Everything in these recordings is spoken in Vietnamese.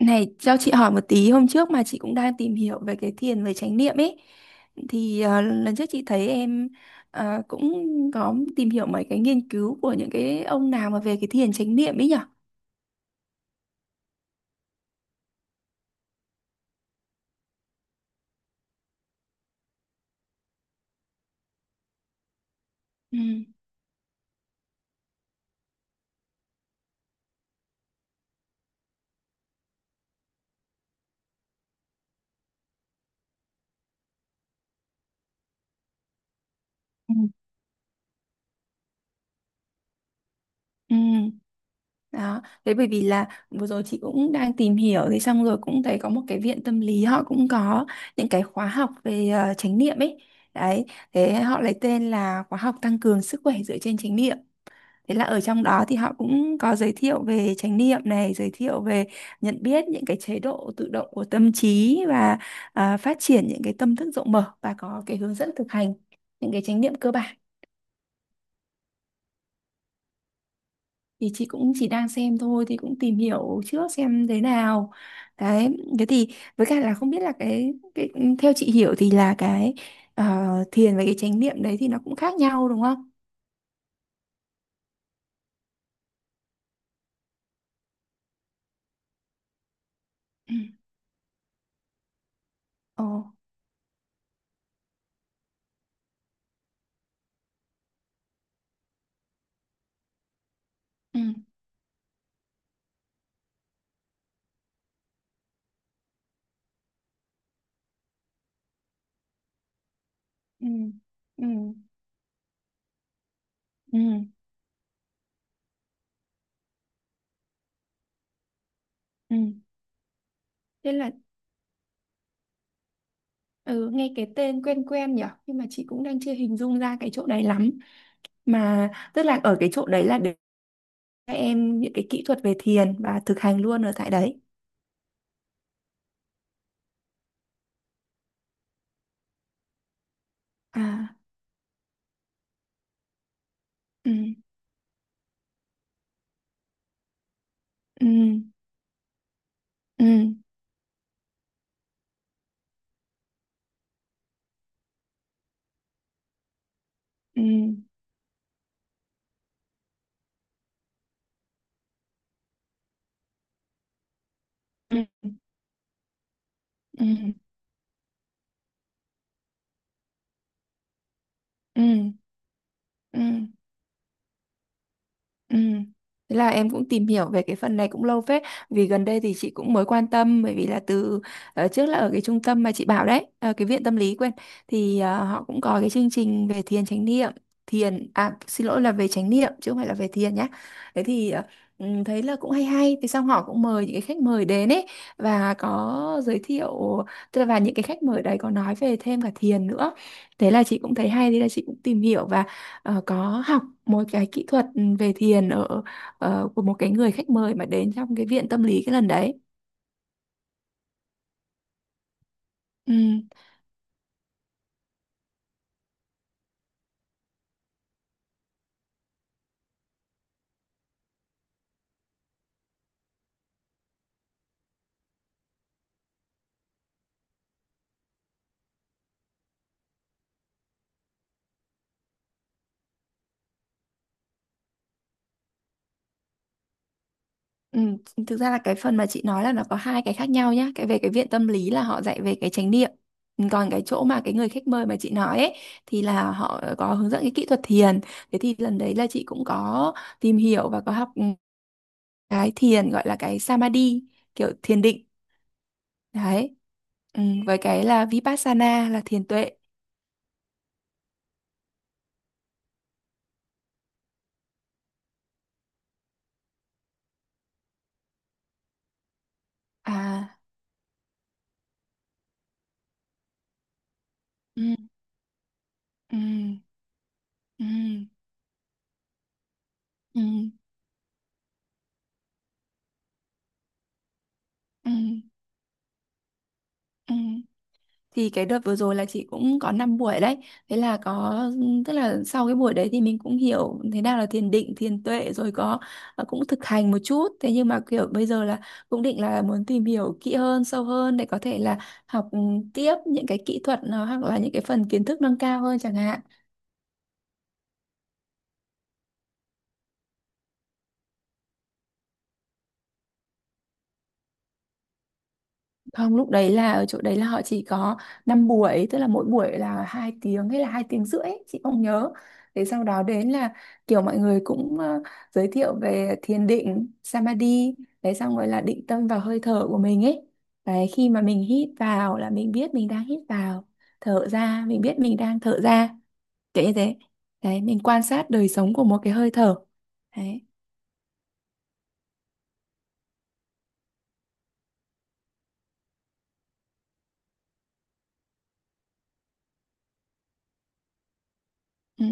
Này, cho chị hỏi một tí, hôm trước mà chị cũng đang tìm hiểu về cái thiền về chánh niệm ấy thì lần trước chị thấy em cũng có tìm hiểu mấy cái nghiên cứu của những cái ông nào mà về cái thiền chánh niệm ấy nhở? Ừ. Ừ. Ừ. Đó, thế bởi vì là vừa rồi chị cũng đang tìm hiểu thì xong rồi cũng thấy có một cái viện tâm lý họ cũng có những cái khóa học về chánh niệm ấy. Đấy, thế họ lấy tên là khóa học tăng cường sức khỏe dựa trên chánh niệm. Thế là ở trong đó thì họ cũng có giới thiệu về chánh niệm này, giới thiệu về nhận biết những cái chế độ tự động của tâm trí và phát triển những cái tâm thức rộng mở và có cái hướng dẫn thực hành những cái chánh niệm cơ bản. Thì chị cũng chỉ đang xem thôi thì cũng tìm hiểu trước xem thế nào. Đấy, thế thì với cả là không biết là cái theo chị hiểu thì là cái ờ, thiền và cái chánh niệm đấy thì nó cũng khác nhau đúng không? Ừ. Ồ. Ừ. Ừ. Ừ. Ừ. Ừ. Thế là. Ừ, nghe cái tên quen quen nhỉ, nhưng mà chị cũng đang chưa hình dung ra cái chỗ đấy lắm, mà tức là ở cái chỗ đấy là để các em những cái kỹ thuật về thiền và thực hành luôn ở tại đấy. À. Ừ. Ừ. Ừ. Ừ. Ừ. Ừ. Ừ. Ừ. Ừ. Ừ. Thế là em cũng tìm hiểu về cái phần này cũng lâu phết, vì gần đây thì chị cũng mới quan tâm bởi vì là từ trước là ở cái trung tâm mà chị bảo đấy, cái viện tâm lý quên, thì họ cũng có cái chương trình về thiền chánh niệm, thiền, à xin lỗi là về chánh niệm chứ không phải là về thiền nhá. Thế thì thấy là cũng hay hay, thì xong họ cũng mời những cái khách mời đến ấy và có giới thiệu, tức là và những cái khách mời đấy có nói về thêm cả thiền nữa, thế là chị cũng thấy hay, thế là chị cũng tìm hiểu và có học một cái kỹ thuật về thiền ở của một cái người khách mời mà đến trong cái viện tâm lý cái lần đấy. Ừ, ừ, thực ra là cái phần mà chị nói là nó có hai cái khác nhau nhá. Cái về cái viện tâm lý là họ dạy về cái chánh niệm. Còn cái chỗ mà cái người khách mời mà chị nói ấy thì là họ có hướng dẫn cái kỹ thuật thiền. Thế thì lần đấy là chị cũng có tìm hiểu và có học cái thiền gọi là cái samadhi, kiểu thiền định đấy. Ừ, với cái là vipassana là thiền tuệ. À. Ừ. Ừ. Ừ. Ừ. Ừ. Ừ. Thì cái đợt vừa rồi là chị cũng có 5 buổi đấy. Thế là có, tức là sau cái buổi đấy thì mình cũng hiểu thế nào là thiền định, thiền tuệ rồi, có cũng thực hành một chút. Thế nhưng mà kiểu bây giờ là cũng định là muốn tìm hiểu kỹ hơn, sâu hơn để có thể là học tiếp những cái kỹ thuật nó hoặc là những cái phần kiến thức nâng cao hơn chẳng hạn. Không, lúc đấy là ở chỗ đấy là họ chỉ có 5 buổi, tức là mỗi buổi là 2 tiếng hay là 2 tiếng rưỡi, ấy, chị không nhớ. Thế sau đó đến là kiểu mọi người cũng giới thiệu về thiền định, samadhi, đấy xong rồi là định tâm vào hơi thở của mình ấy. Đấy, khi mà mình hít vào là mình biết mình đang hít vào, thở ra mình biết mình đang thở ra, kiểu như thế. Đấy, mình quan sát đời sống của một cái hơi thở. Đấy. Ừ.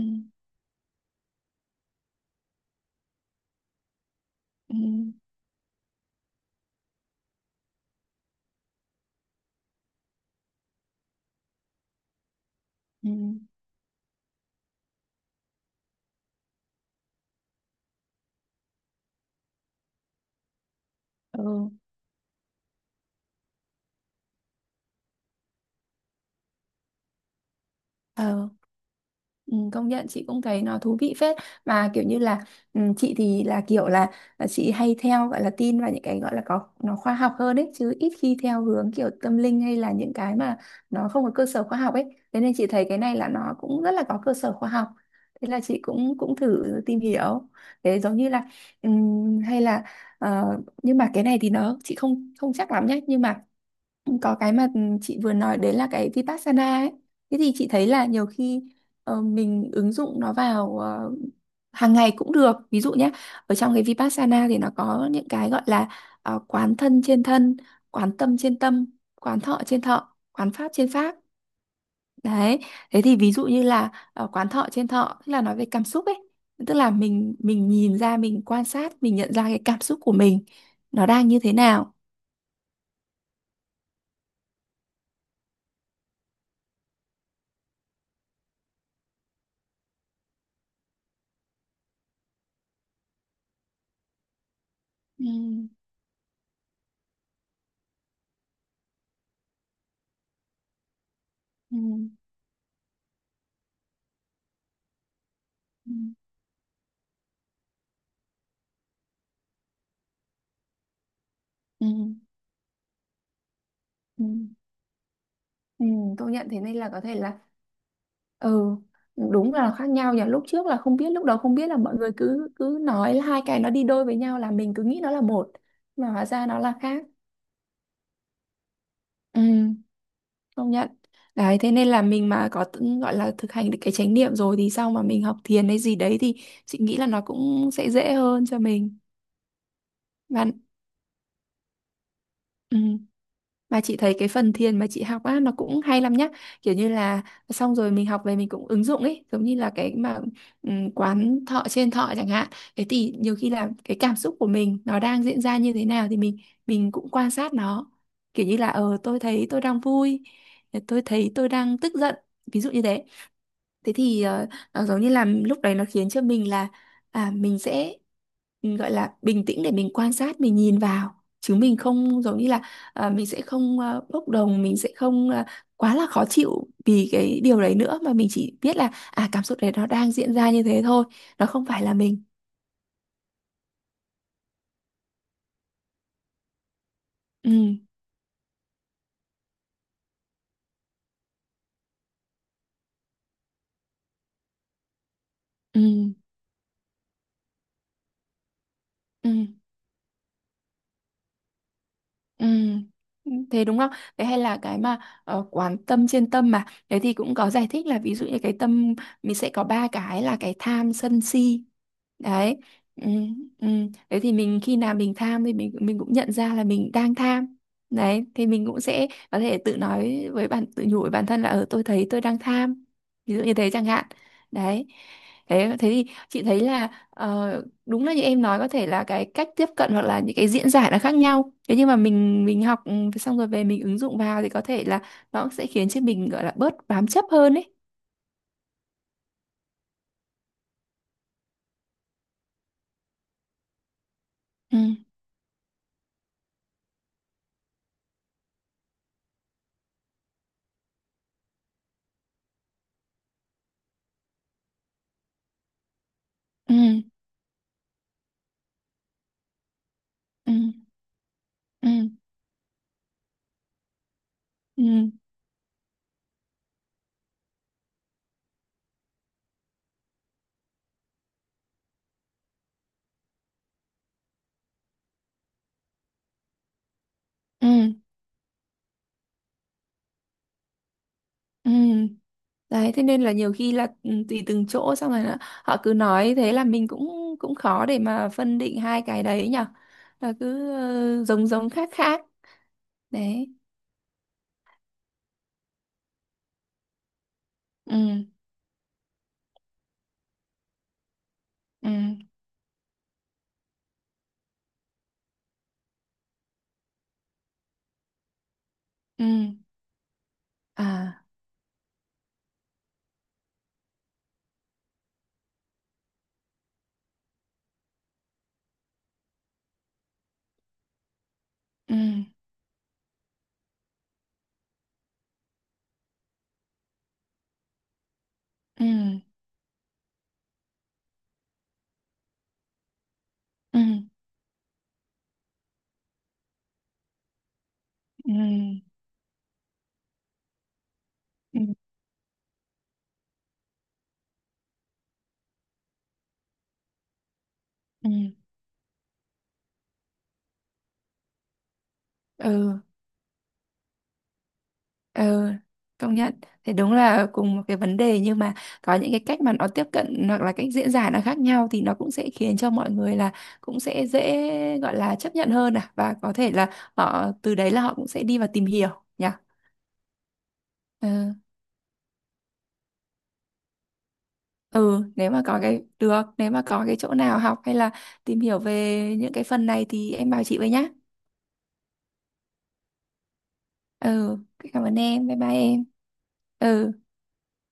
Ừ. Ừ. Ừ. Ờ, ừ, công nhận chị cũng thấy nó thú vị phết, mà kiểu như là chị thì là kiểu là chị hay theo gọi là tin vào những cái gọi là có nó khoa học hơn ấy, chứ ít khi theo hướng kiểu tâm linh hay là những cái mà nó không có cơ sở khoa học ấy, thế nên chị thấy cái này là nó cũng rất là có cơ sở khoa học, thế là chị cũng cũng thử tìm hiểu, thế giống như là hay là ờ, nhưng mà cái này thì nó chị không không chắc lắm nhé, nhưng mà có cái mà chị vừa nói đấy là cái Vipassana ấy, thế thì chị thấy là nhiều khi mình ứng dụng nó vào hàng ngày cũng được, ví dụ nhé, ở trong cái Vipassana thì nó có những cái gọi là quán thân trên thân, quán tâm trên tâm, quán thọ trên thọ, quán pháp trên pháp, đấy. Thế thì ví dụ như là quán thọ trên thọ tức là nói về cảm xúc ấy, tức là mình nhìn ra, mình quan sát, mình nhận ra cái cảm xúc của mình nó đang như thế nào. Ừ. Ừ. Ừ. Ừ. Ừ. Ừ, công nhận thế nên là có thể là ừ đúng là khác nhau nhỉ, lúc trước là không biết, lúc đầu không biết là mọi người cứ cứ nói là hai cái nó đi đôi với nhau là mình cứ nghĩ nó là một, mà hóa ra nó là khác. Ừ, công nhận. Đấy thế nên là mình mà có gọi là thực hành được cái chánh niệm rồi thì sau mà mình học thiền hay gì đấy thì chị nghĩ là nó cũng sẽ dễ hơn cho mình bạn. Ừ. Mà chị thấy cái phần thiền mà chị học á nó cũng hay lắm nhá, kiểu như là xong rồi mình học về mình cũng ứng dụng ấy, giống như là cái mà quán thọ trên thọ chẳng hạn, thế thì nhiều khi là cái cảm xúc của mình nó đang diễn ra như thế nào thì mình cũng quan sát nó, kiểu như là tôi thấy tôi đang vui, tôi thấy tôi đang tức giận, ví dụ như thế. Thế thì nó giống như là lúc đấy nó khiến cho mình là mình sẽ gọi là bình tĩnh để mình quan sát, mình nhìn vào chứ mình không giống như là mình sẽ không bốc đồng, mình sẽ không quá là khó chịu vì cái điều đấy nữa, mà mình chỉ biết là cảm xúc đấy nó đang diễn ra như thế thôi, nó không phải là mình. Ừ. Ừ. Ừ. Ừ. Thế đúng không? Thế hay là cái mà quán tâm trên tâm mà thế thì cũng có giải thích là ví dụ như cái tâm mình sẽ có ba cái là cái tham sân si đấy. Ừ, ừ. Thế thì mình khi nào mình tham thì mình cũng nhận ra là mình đang tham, đấy thì mình cũng sẽ có thể tự nói với bản, tự nhủ với bản thân là ở tôi thấy tôi đang tham, ví dụ như thế chẳng hạn, đấy. Thế thế thì chị thấy là đúng là như em nói có thể là cái cách tiếp cận hoặc là những cái diễn giải nó khác nhau, thế nhưng mà mình học xong rồi về mình ứng dụng vào thì có thể là nó sẽ khiến cho mình gọi là bớt bám chấp hơn ấy. Ừ. Ừ. Ừ. Ừ. Ừ. Ừ. Ừ. Đấy thế nên là nhiều khi là tùy từng chỗ, xong rồi là họ cứ nói thế là mình cũng cũng khó để mà phân định hai cái đấy nhở, là cứ giống giống khác khác, đấy. Ừ. Ừ. Ừ. À. Ừ. Ừ. Ừ. Ừ. Ừ. Ừ. Ừ. Ừ, công nhận thì đúng là cùng một cái vấn đề nhưng mà có những cái cách mà nó tiếp cận hoặc là cách diễn giải nó khác nhau thì nó cũng sẽ khiến cho mọi người là cũng sẽ dễ gọi là chấp nhận hơn, à và có thể là họ từ đấy là họ cũng sẽ đi và tìm hiểu nhỉ. Ừ, ừ nếu mà có cái chỗ nào học hay là tìm hiểu về những cái phần này thì em bảo chị với nhá. Ừ, cảm ơn em, bye bye em. Ừ.